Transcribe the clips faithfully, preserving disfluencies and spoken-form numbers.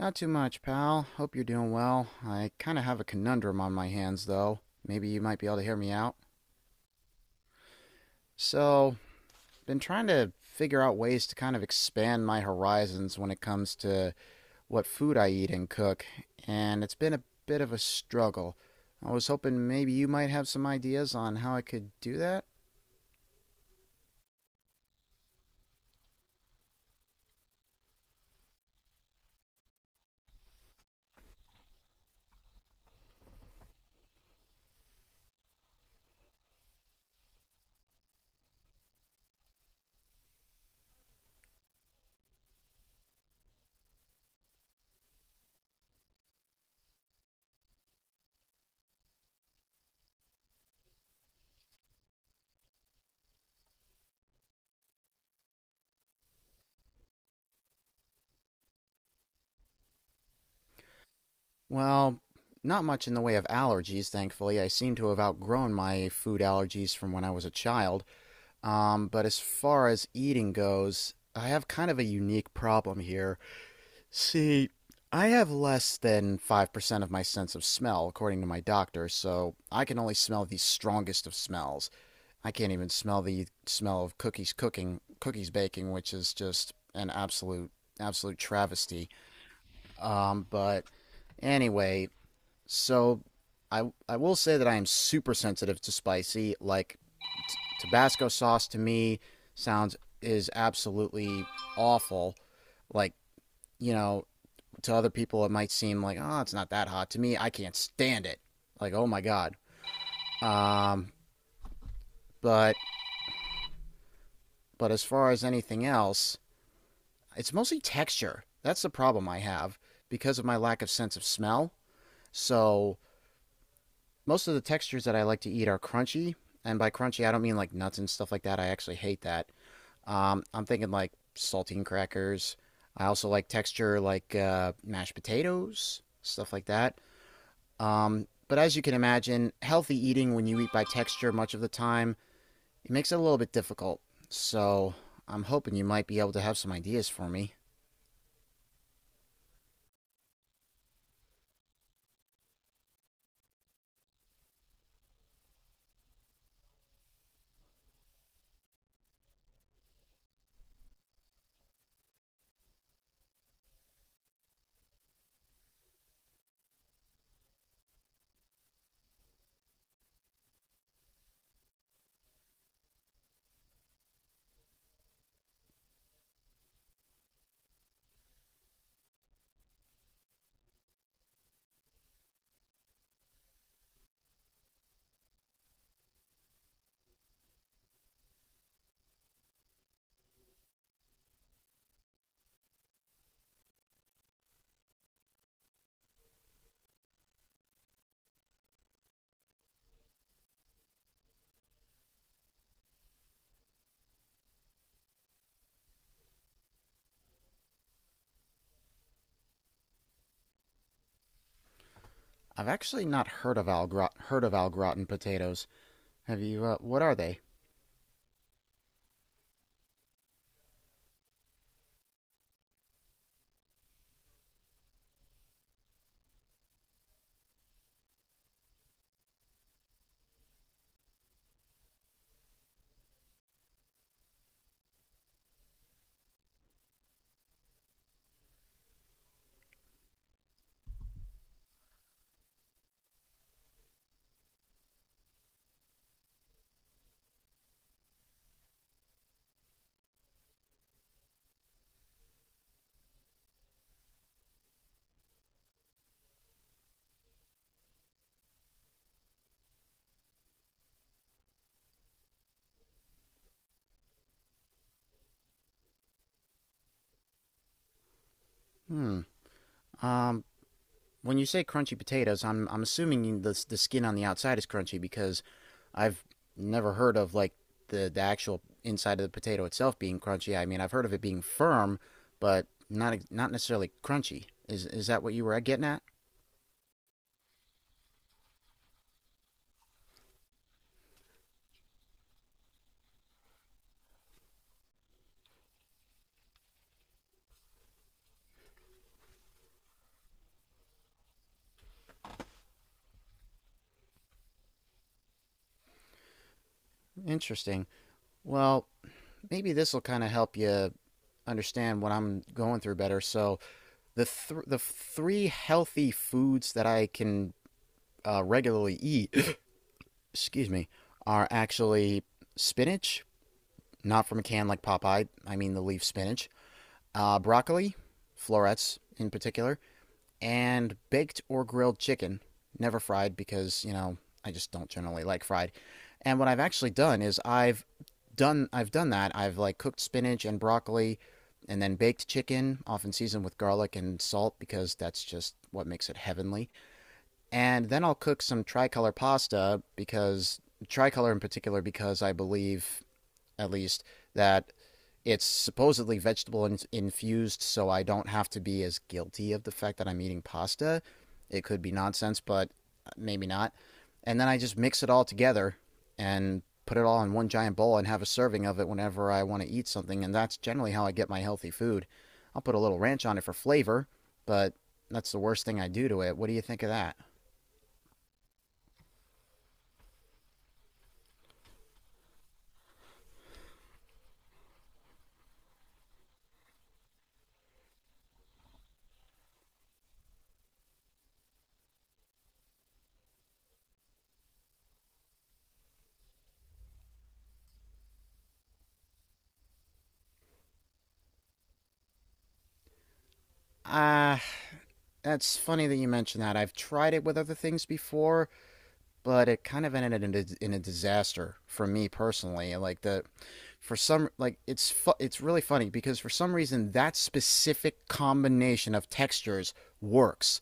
Not too much, pal. Hope you're doing well. I kind of have a conundrum on my hands, though. Maybe you might be able to hear me out. So, been trying to figure out ways to kind of expand my horizons when it comes to what food I eat and cook, and it's been a bit of a struggle. I was hoping maybe you might have some ideas on how I could do that. Well, not much in the way of allergies, thankfully. I seem to have outgrown my food allergies from when I was a child. Um, but as far as eating goes, I have kind of a unique problem here. See, I have less than five percent of my sense of smell, according to my doctor, so I can only smell the strongest of smells. I can't even smell the smell of cookies cooking, cookies baking, which is just an absolute, absolute travesty. Um, but anyway, so I I will say that I am super sensitive to spicy. Like t- Tabasco sauce to me sounds is absolutely awful. Like, you know, to other people it might seem like, "Oh, it's not that hot." To me, I can't stand it. Like, "Oh my god." Um, but but as far as anything else, it's mostly texture. That's the problem I have because of my lack of sense of smell. So most of the textures that I like to eat are crunchy, and by crunchy I don't mean like nuts and stuff like that. I actually hate that. Um, I'm thinking like saltine crackers. I also like texture like uh, mashed potatoes, stuff like that. Um, but as you can imagine, healthy eating when you eat by texture much of the time it makes it a little bit difficult. So I'm hoping you might be able to have some ideas for me. I've actually not heard of al heard of al gratin potatoes. Have you? Uh, what are they? Hmm. Um, When you say crunchy potatoes, I'm I'm assuming the the skin on the outside is crunchy because I've never heard of like the the actual inside of the potato itself being crunchy. I mean, I've heard of it being firm, but not not necessarily crunchy. Is is that what you were getting at? Interesting. Well, maybe this will kind of help you understand what I'm going through better. So the th- the three healthy foods that I can uh, regularly eat, excuse me, are actually spinach, not from a can like Popeye. I mean the leaf spinach, uh, broccoli, florets in particular, and baked or grilled chicken. Never fried because you know I just don't generally like fried. And what I've actually done is I've done I've done that. I've like cooked spinach and broccoli, and then baked chicken, often seasoned with garlic and salt because that's just what makes it heavenly. And then I'll cook some tricolor pasta because tricolor in particular because I believe at least, that it's supposedly vegetable in- infused, so I don't have to be as guilty of the fact that I'm eating pasta. It could be nonsense, but maybe not. And then I just mix it all together and put it all in one giant bowl and have a serving of it whenever I want to eat something. And that's generally how I get my healthy food. I'll put a little ranch on it for flavor, but that's the worst thing I do to it. What do you think of that? Ah, uh, that's funny that you mentioned that. I've tried it with other things before, but it kind of ended in a, in a disaster for me personally. Like the for some like it's fu- it's really funny because for some reason that specific combination of textures works,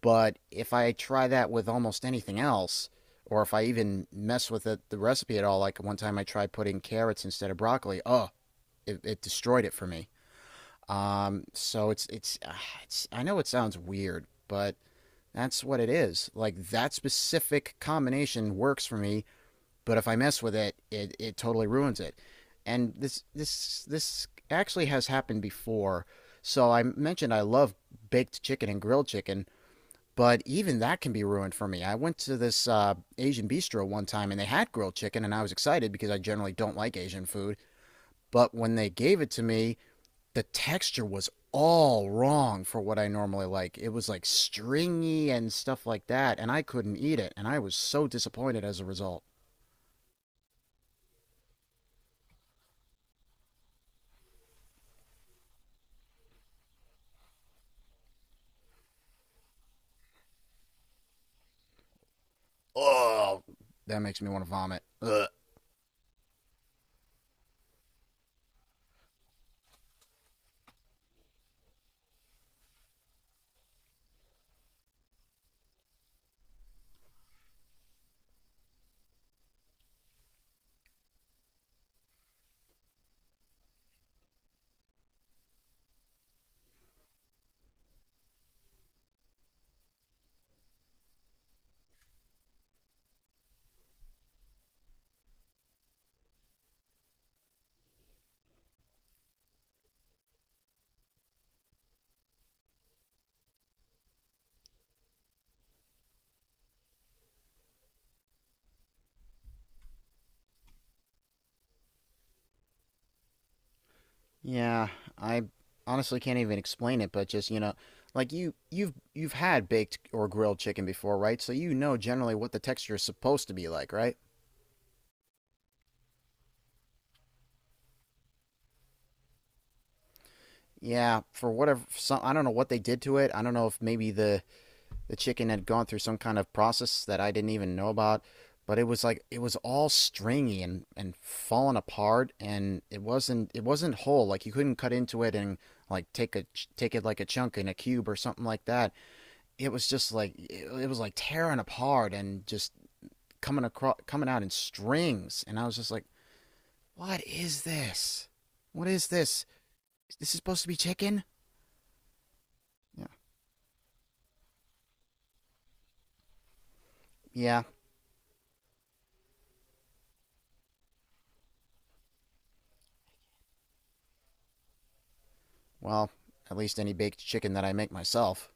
but if I try that with almost anything else or if I even mess with it, the recipe at all, like one time I tried putting carrots instead of broccoli, oh, it, it destroyed it for me. Um, so it's it's ah, it's I know it sounds weird, but that's what it is. Like that specific combination works for me but if I mess with it, it, it totally ruins it. And this this this actually has happened before. So I mentioned I love baked chicken and grilled chicken, but even that can be ruined for me. I went to this uh, Asian bistro one time and they had grilled chicken, and I was excited because I generally don't like Asian food. But when they gave it to me, the texture was all wrong for what I normally like. It was like stringy and stuff like that, and I couldn't eat it, and I was so disappointed as a result. Oh, that makes me want to vomit. Ugh. Yeah, I honestly can't even explain it, but just you know, like you you've you've had baked or grilled chicken before, right? So you know generally what the texture is supposed to be like, right? Yeah, for whatever some I don't know what they did to it. I don't know if maybe the The chicken had gone through some kind of process that I didn't even know about, but it was like it was all stringy and and falling apart, and it wasn't it wasn't whole. Like you couldn't cut into it and like take a take it like a chunk in a cube or something like that. It was just like it, it was like tearing apart and just coming across coming out in strings, and I was just like, what is this? What is this? This is this supposed to be chicken? Yeah. Yeah. Well, at least any baked chicken that I make myself.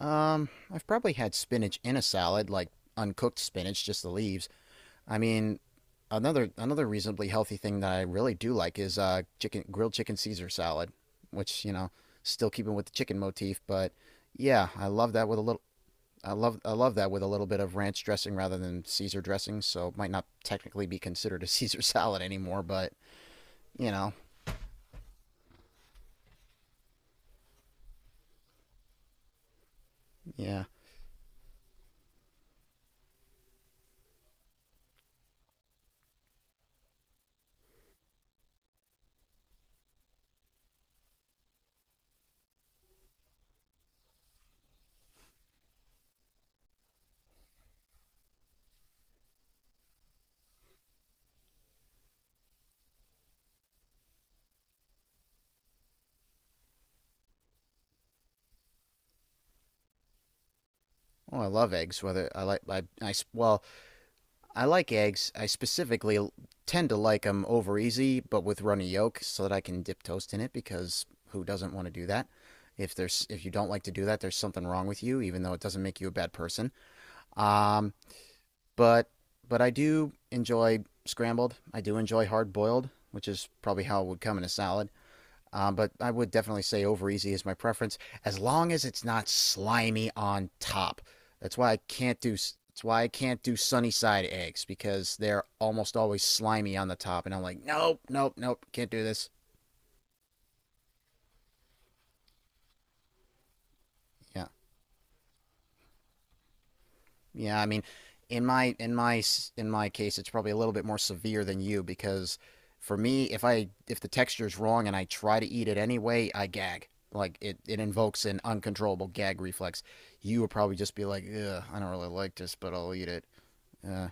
Um, I've probably had spinach in a salad, like uncooked spinach, just the leaves. I mean, another another reasonably healthy thing that I really do like is uh chicken grilled chicken Caesar salad, which, you know, still keeping with the chicken motif, but yeah, I love that with a little I love I love that with a little bit of ranch dressing rather than Caesar dressing, so it might not technically be considered a Caesar salad anymore, but you know, yeah. Oh, I love eggs. Whether I like I I well, I like eggs. I specifically tend to like them over easy, but with runny yolk, so that I can dip toast in it. Because who doesn't want to do that? If there's if you don't like to do that, there's something wrong with you. Even though it doesn't make you a bad person. Um, but but I do enjoy scrambled. I do enjoy hard boiled, which is probably how it would come in a salad. Um, but I would definitely say over easy is my preference, as long as it's not slimy on top. That's why I can't do. That's why I can't do sunny side eggs because they're almost always slimy on the top, and I'm like, nope, nope, nope, can't do this. Yeah. Yeah, I mean, in my in my s- in my case, it's probably a little bit more severe than you because for me, if I if the texture's wrong and I try to eat it anyway, I gag. Like it it invokes an uncontrollable gag reflex. You would probably just be like, "Ugh, I don't really like this, but I'll eat it." Uh,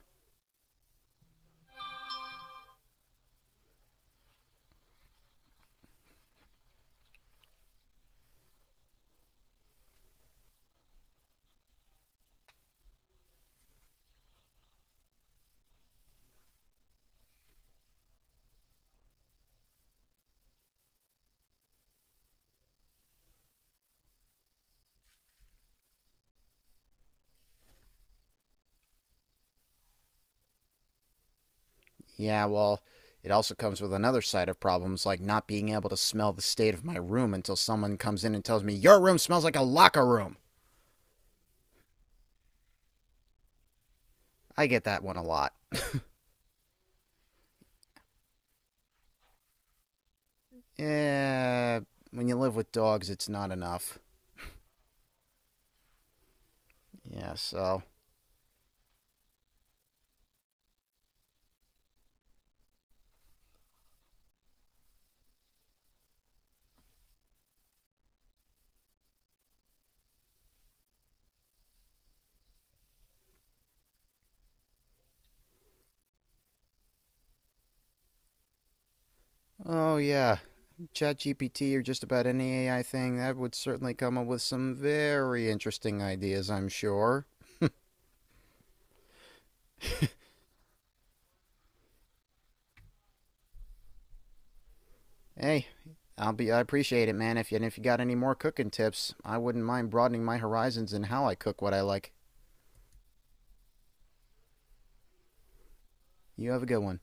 yeah, well, it also comes with another side of problems like not being able to smell the state of my room until someone comes in and tells me, "Your room smells like a locker room." I get that one a lot. Yeah, when you live with dogs, it's not enough. Yeah, so. Oh, yeah. ChatGPT or just about any A I thing, that would certainly come up with some very interesting ideas, I'm sure. Hey, I'll be I appreciate it, man. If you, and if you got any more cooking tips, I wouldn't mind broadening my horizons in how I cook what I like. You have a good one.